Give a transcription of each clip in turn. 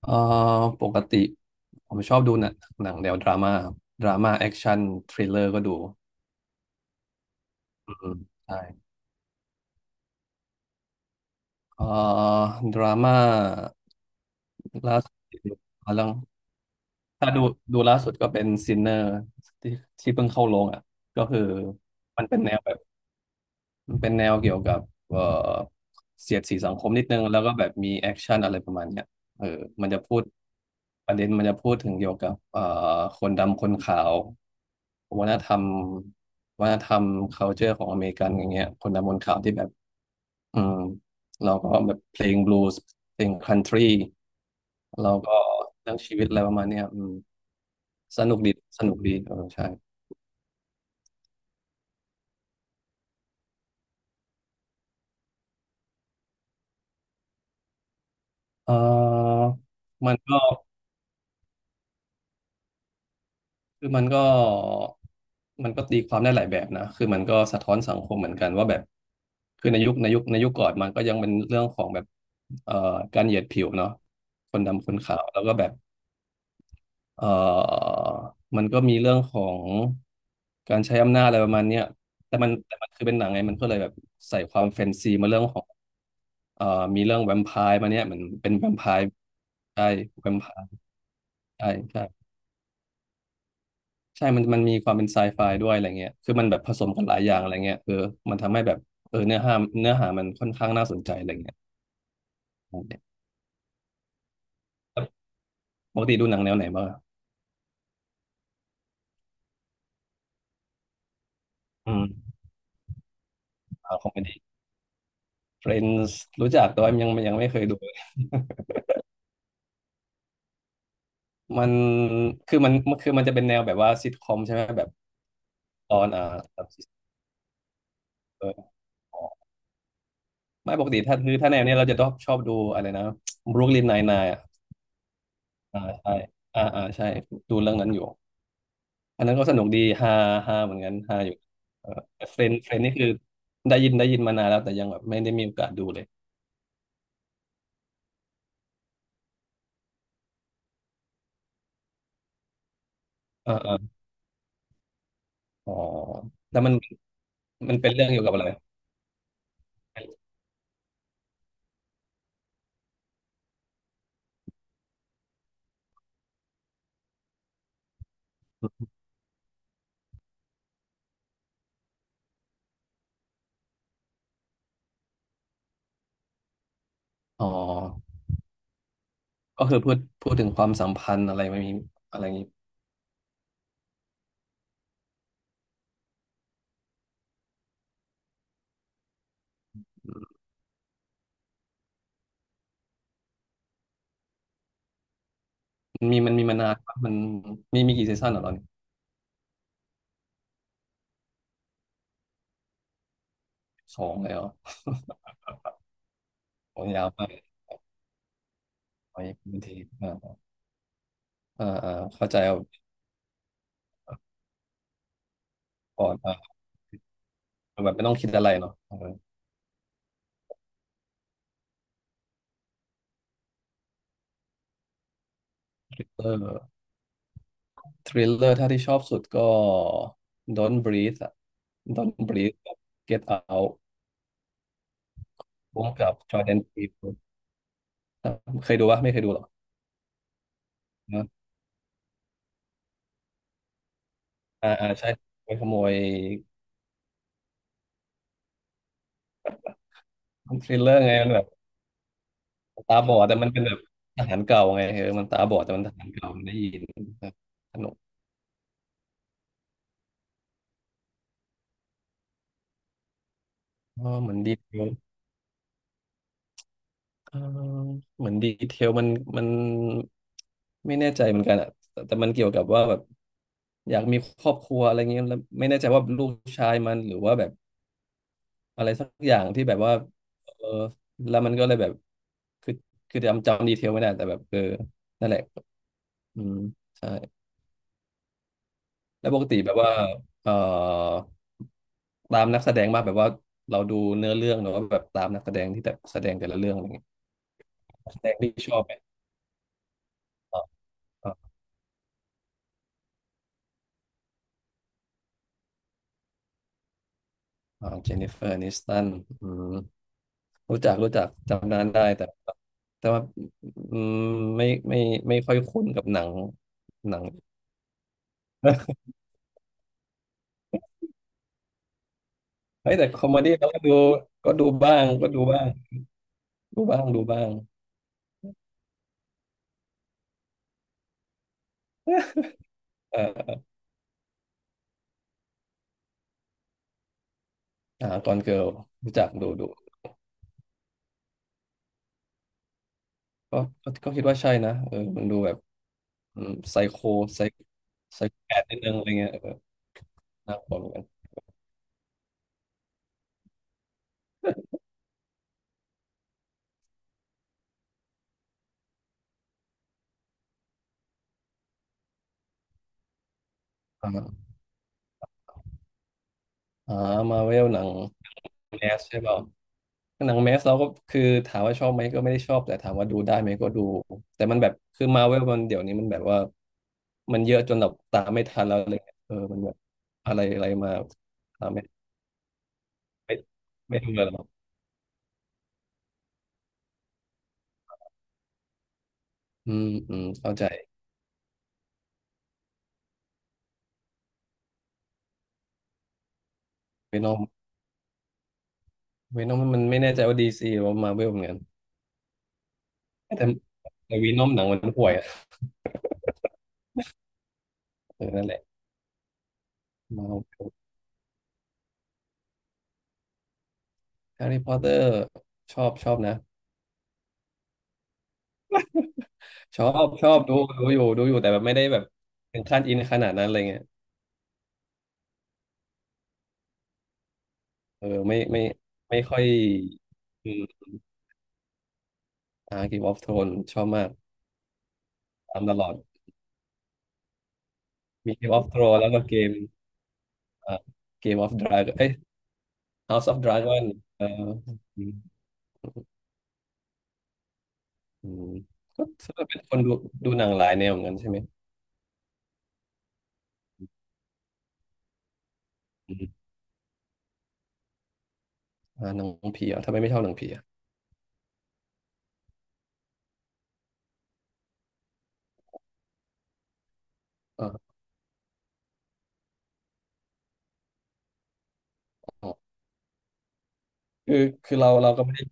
เอ่อปกติผมชอบดูหนังแนวดราม่าครับดราม่าแอคชั่นทริลเลอร์ก็ดูอืมใช่เอ่อดราม่าล่าสุดเรื่อถ้าดูล่าสุดก็เป็นซินเนอร์ที่ที่เพิ่งเข้าโรงอ่ะก็คือมันเป็นแนวแบบ มันเป็นแนวเกี่ยวกับเอ่อเสียดสีสังคมนิดนึงแล้วก็แบบมีแอคชั่นอะไรประมาณเนี้ยเออมันจะพูดประเด็นมันจะพูดถึงเกี่ยวกับคนดำคนขาววัฒนธรรม วัฒนธรรม culture ของอเมริกันอย่างเงี้ยคนดำคนขาวที่แบบอืมเราก็แบบเพลงบลูส์เพลงคันทรีเราก็เรื่องชีวิตอะไรประมาณเนี้ยอืมสนุกดี สนุกดีเออใช่เออมันก็ คือมันก็ตีความได้หลายแบบนะคือมันก็สะท้อนสังคมเหมือนกันว่าแบบคือในยุคในยุคก่อนมันก็ยังเป็นเรื่องของแบบเอ่อการเหยียดผิวเนาะคนดำคนขาวแล้วก็แบบเอ่อมันก็มีเรื่องของการใช้อำนาจอะไรประมาณเนี้ยแต่มันคือเป็นหนังไงมันก็เลยแบบใส่ความแฟนซีมาเรื่องของเอ่อมีเรื่องแวมไพร์มาเนี่ยเหมือนเป็นแวมไพร์ใช่แวมไพร์ใช่ใช่ ใช่มันมีความเป็นไซไฟด้วยอะไรเงี้ยคือมันแบบผสมกันหลายอย่างอะไรเงี้ยเออมันทำให้แบบเออเนื้อหามันค่อนข้างน่าสนใจอะไรเงี้ยแล้วปกติดูหนังแนวไหนบ้างอะอืมอ่าคอมเมดี้ Friends รู้จักแต่ว่ายังไม่เคยดู มันคือมันคือมันจะเป็นแนวแบบว่าซิทคอมใช่ไหม แบบตอนอ่าตอนเอออไม่ปกติถ้าคือถ้าแนวเนี้ยเราจะชอบดูอะไรนะ Brooklyn Nine-Nine อะอ่าใช่อ่าใช่ ดูเรื่องนั้นอยู่ อันนั้นก็สนุกดีฮาฮาเหมือนกันฮาอยู่เออเฟรนนี่คือได้ยินมานานแล้วแต่ยังแบบไม่ได้มีโอกาสดูเลยเออเอออ๋อแล้วมันเป็นเรื่องเกี่ยวกับอะไรอ๋อก็คือพูดถึงความสัมพันธ์อะไรไม่มีอะไรอย่างงี้มันมีมานานปะมันมีมีกี่ซีซั่นเหรอตอนนี้สองเลยเหรอโอ้ยาวมากโอ้ยบางทีอ่าอ่าเข้าใจเอาก่อนอ่าแบบไม่ต้องคิดอะไรเนาะเออทริลเลอร์ ทริลเลอร์ถ้าที่ชอบสุดก็ Don't Breathe อะ Don't Breathe กับ Get Out ร่วมกับ Jordan Peele ครับเคยดูปะไม่เคยดูหรอนะอ่าใช่ไปขโมยทริลเลอร์ไงมันแบบตาบอดแต่มันเป็นแบบทหารเก่าไงเออมันตาบอดแต่มันทหารเก่ามันได้ยินครับสนุกอ๋อเหมือนดีเทลเออเหมือนดีเทลมันไม่แน่ใจเหมือนกันอะแต่มันเกี่ยวกับว่าแบบอยากมีครอบครัวอะไรเงี้ยแล้วไม่แน่ใจว่าลูกชายมันหรือว่าแบบ อะไรสักอย่างที่แบบว่าเออแล้วมันก็เลยแบบคือคือจำดีเทลไม่ได้แต่แบบเออนั่นแหละอืมใช่แล้วปกติแบบว่าเอ่อตามนักแสดงมากแบบว่าเราดูเนื้อเรื่องหรือว่าแบบตามนักแสดงที่แบบแสดงแต่ละเรื่องอะไรเงี้ยแสดงที่ชอบไหมอ่าอ่าอ่าเจนนิเฟอร์แอนิสตันอืมรู้จักจำนานได้แต่แต่ว่าอืมไม่ไม่ค่อยคุ้นกับหนังหนัง เฮ้ยแต่คอมเมดี้เราก็ดูก็ดูบ้างดูบ้าง เอ่ออ่าตอนเกิร์ลรู้จักดูก็คิดว่าใช่นะเออมันดูแบบไซโคไซไซแคทนิดนึงอะไรเงี้ยเออน่ากลัวเหมือนกัน อ่าอ่ามาเวลหนังแมสใช่เปล่าหนังแมสเราก็คือถามว่าชอบไหมก็ไม่ได้ชอบแต่ถามว่าดูได้ไหมก็ดูแต่มันแบบคือมาเวลมันเดี๋ยวนี้มันแบบว่ามันเยอะจนเราตามไม่ทันแล้วเลยเออมันแบบอะไรอะไรมาตามไม่ ไม่ไม่ดูแล้วหรอกอืมเข้าใจเวีนอมเวนอมมันไม่แน่ใจว่าดีซีหรือว่ามาเวลเหมือนกันแต่แต่เวีนอมหนังมันห่วยอ่ะเออนั่นแหละมาแฮร์รี่พอตเตอร์ชอบนะชอบดูอยู่ดูอยู่แต่แบบไม่ได้แบบถึงขั้นอินขนาดนั้นอะไรเงี้ยเออไม่ไม่ค่อยอืมอ่าเกมออฟโทรนชอบมากตามตลอดมีเกมออฟโทรนแล้วก็เกมอ่าเกมออฟดราก้อนเอ้ย House of Dragon เออ อืมก็แสดงว่าเป็นคนดูหนังหลายแนวเหมือนกันใช่ไหมอืมหนังผีเหรอ่ะทำไมไม่ชอบหนังผีอ่ะอ่าอ๋อคือเราก็ไม่ได้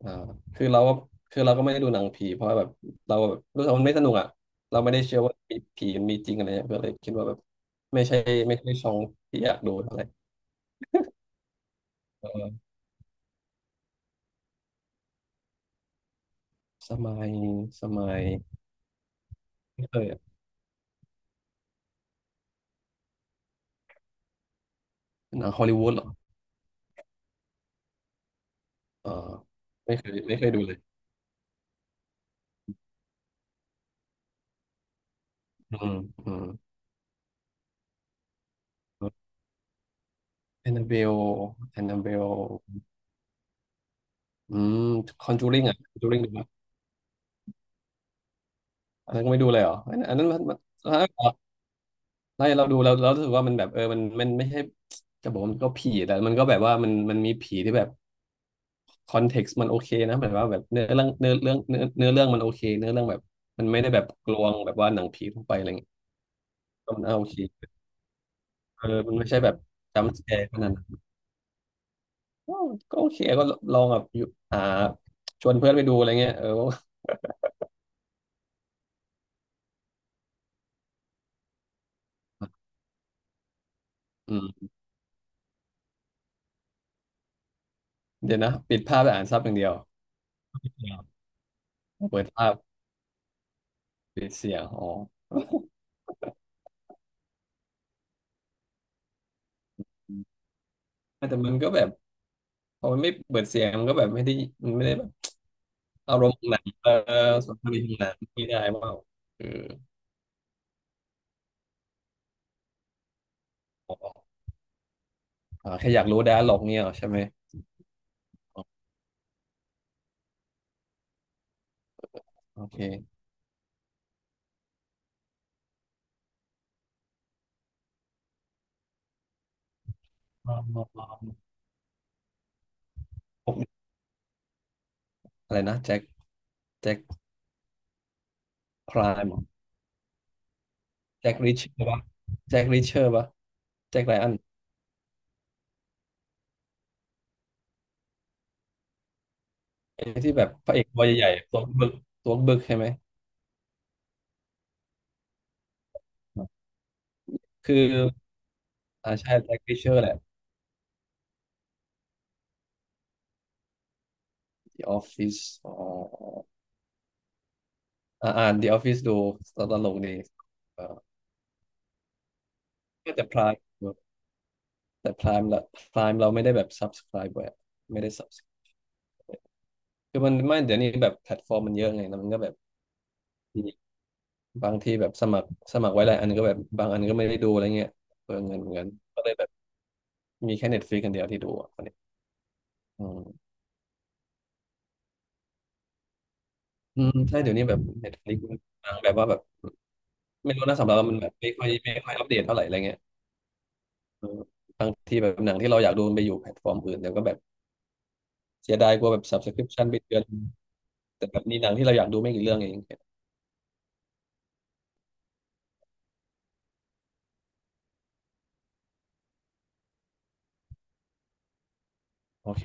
อ่าคือเราก็ไม่ได้ดูหนังผีเพราะว่าแบบเราแบบรู้สึกว่ามันไม่สนุกอ่ะเราไม่ได้เชื่อว่ามีผีมันมีจริงอะไรเงี้ยก็เลยคิดว่าแบบไม่ใช่ไม่ใช่ช่องที่อยากดูเท่าไหร่เออสมัยสมัยไม่เคยอะหนังฮอลลีวูดเหรอเออไม่เคยดูเลยอืมอืมแอนนาเบลแอนนาเบล อืมคอนจูริงอ่ะคอนจูริงดูปะอันนั้นก็ไม่ดูเลยเหรออันนั้นมันถ้าเราเราดูเรารู้สึกว่ามันแบบเออมันไม่ใช่จะบอกว่ามันก็ผีแต่มันก็แบบว่ามันมีผีที่แบบคอนเท็กซ์มันโอเคนะแบบว่าแบบเนื้อเรื่องเนื้อเรื่องมันโอเคเนื้อเรื่องแบบมันไม่ได้แบบกลวงแบบว่าหนังผีทั่วไปอะไรเงี้ยก็มันเอาโอเคเออมันไม่ใช่แบบจัมป์สแกร์ขนาดนั้นก็โอเคก็ลองแบบอยู่อ่าชวนเพื่อนไปดูอะไรเงี้ยเอออืมเดี๋ยวนะปิดภาพไปอ่านซับอย่างเดียวเปิดภาพปิดเสียงอ๋อ แต่มันก็แบบพอมันไม่เปิดเสียงมันก็แบบไม่ได้มันไม่ได้แบบอารมณ์ของหนังเออส่วนภาพยนตรมณ์หนังไม่ได้เปล่าเอออ๋ออาแค่อยากรู้ดาร์ล็อกเนี่ยเหรอใช่ไหมอ๋อโอเคอ๋ออะไรนะแจ็คแจ็คพรามแจ็คริชเชอร์ปะแจ็คริชเชอร์ปะแจ็คไรอันไอ้ที่แบบพระเอกตัวใหญ่ๆตัวบึกตัวบึกใช่ไหมคือใช่แจ็คริชเชอร์แหละ The Office อ๋ออ่าอ่าน The Office ดูตลกดีเออแต่พราย แต่ Prime ละ Prime เราไม่ได้แบบ subscribe แบบไม่ได้ sub คือมันไม่เดี๋ยวนี้แบบแพลตฟอร์มมันเยอะไงแล้วมันก็แบบมีบางทีแบบสมัครไว้หลายอันก็แบบบางอันก็ไม่ได้ดูอะไรเงี้ยเปลืองเงินเหมือนกันก็เลยแบบมีแค่ Netflix กันเดียวที่ดูอ่ะตอนนี้อืมอืมใช่เดี๋ยวนี้แบบ Netflix มันบางแบบว่าแบบไม่รู้นะสำหรับเรามันแบบไม่ค่อยอัปเดตเท่าไหร่อะไรเงี้ยเออบางทีแบบหนังที่เราอยากดูมันไปอยู่แพลตฟอร์มอื่นเดี๋ยวก็แบบเสียดายกลัวแบบ subscription ไปเดือนแต่แบบมีหนังที่เราอยากดูไม่กี่เรื่องเองโอเค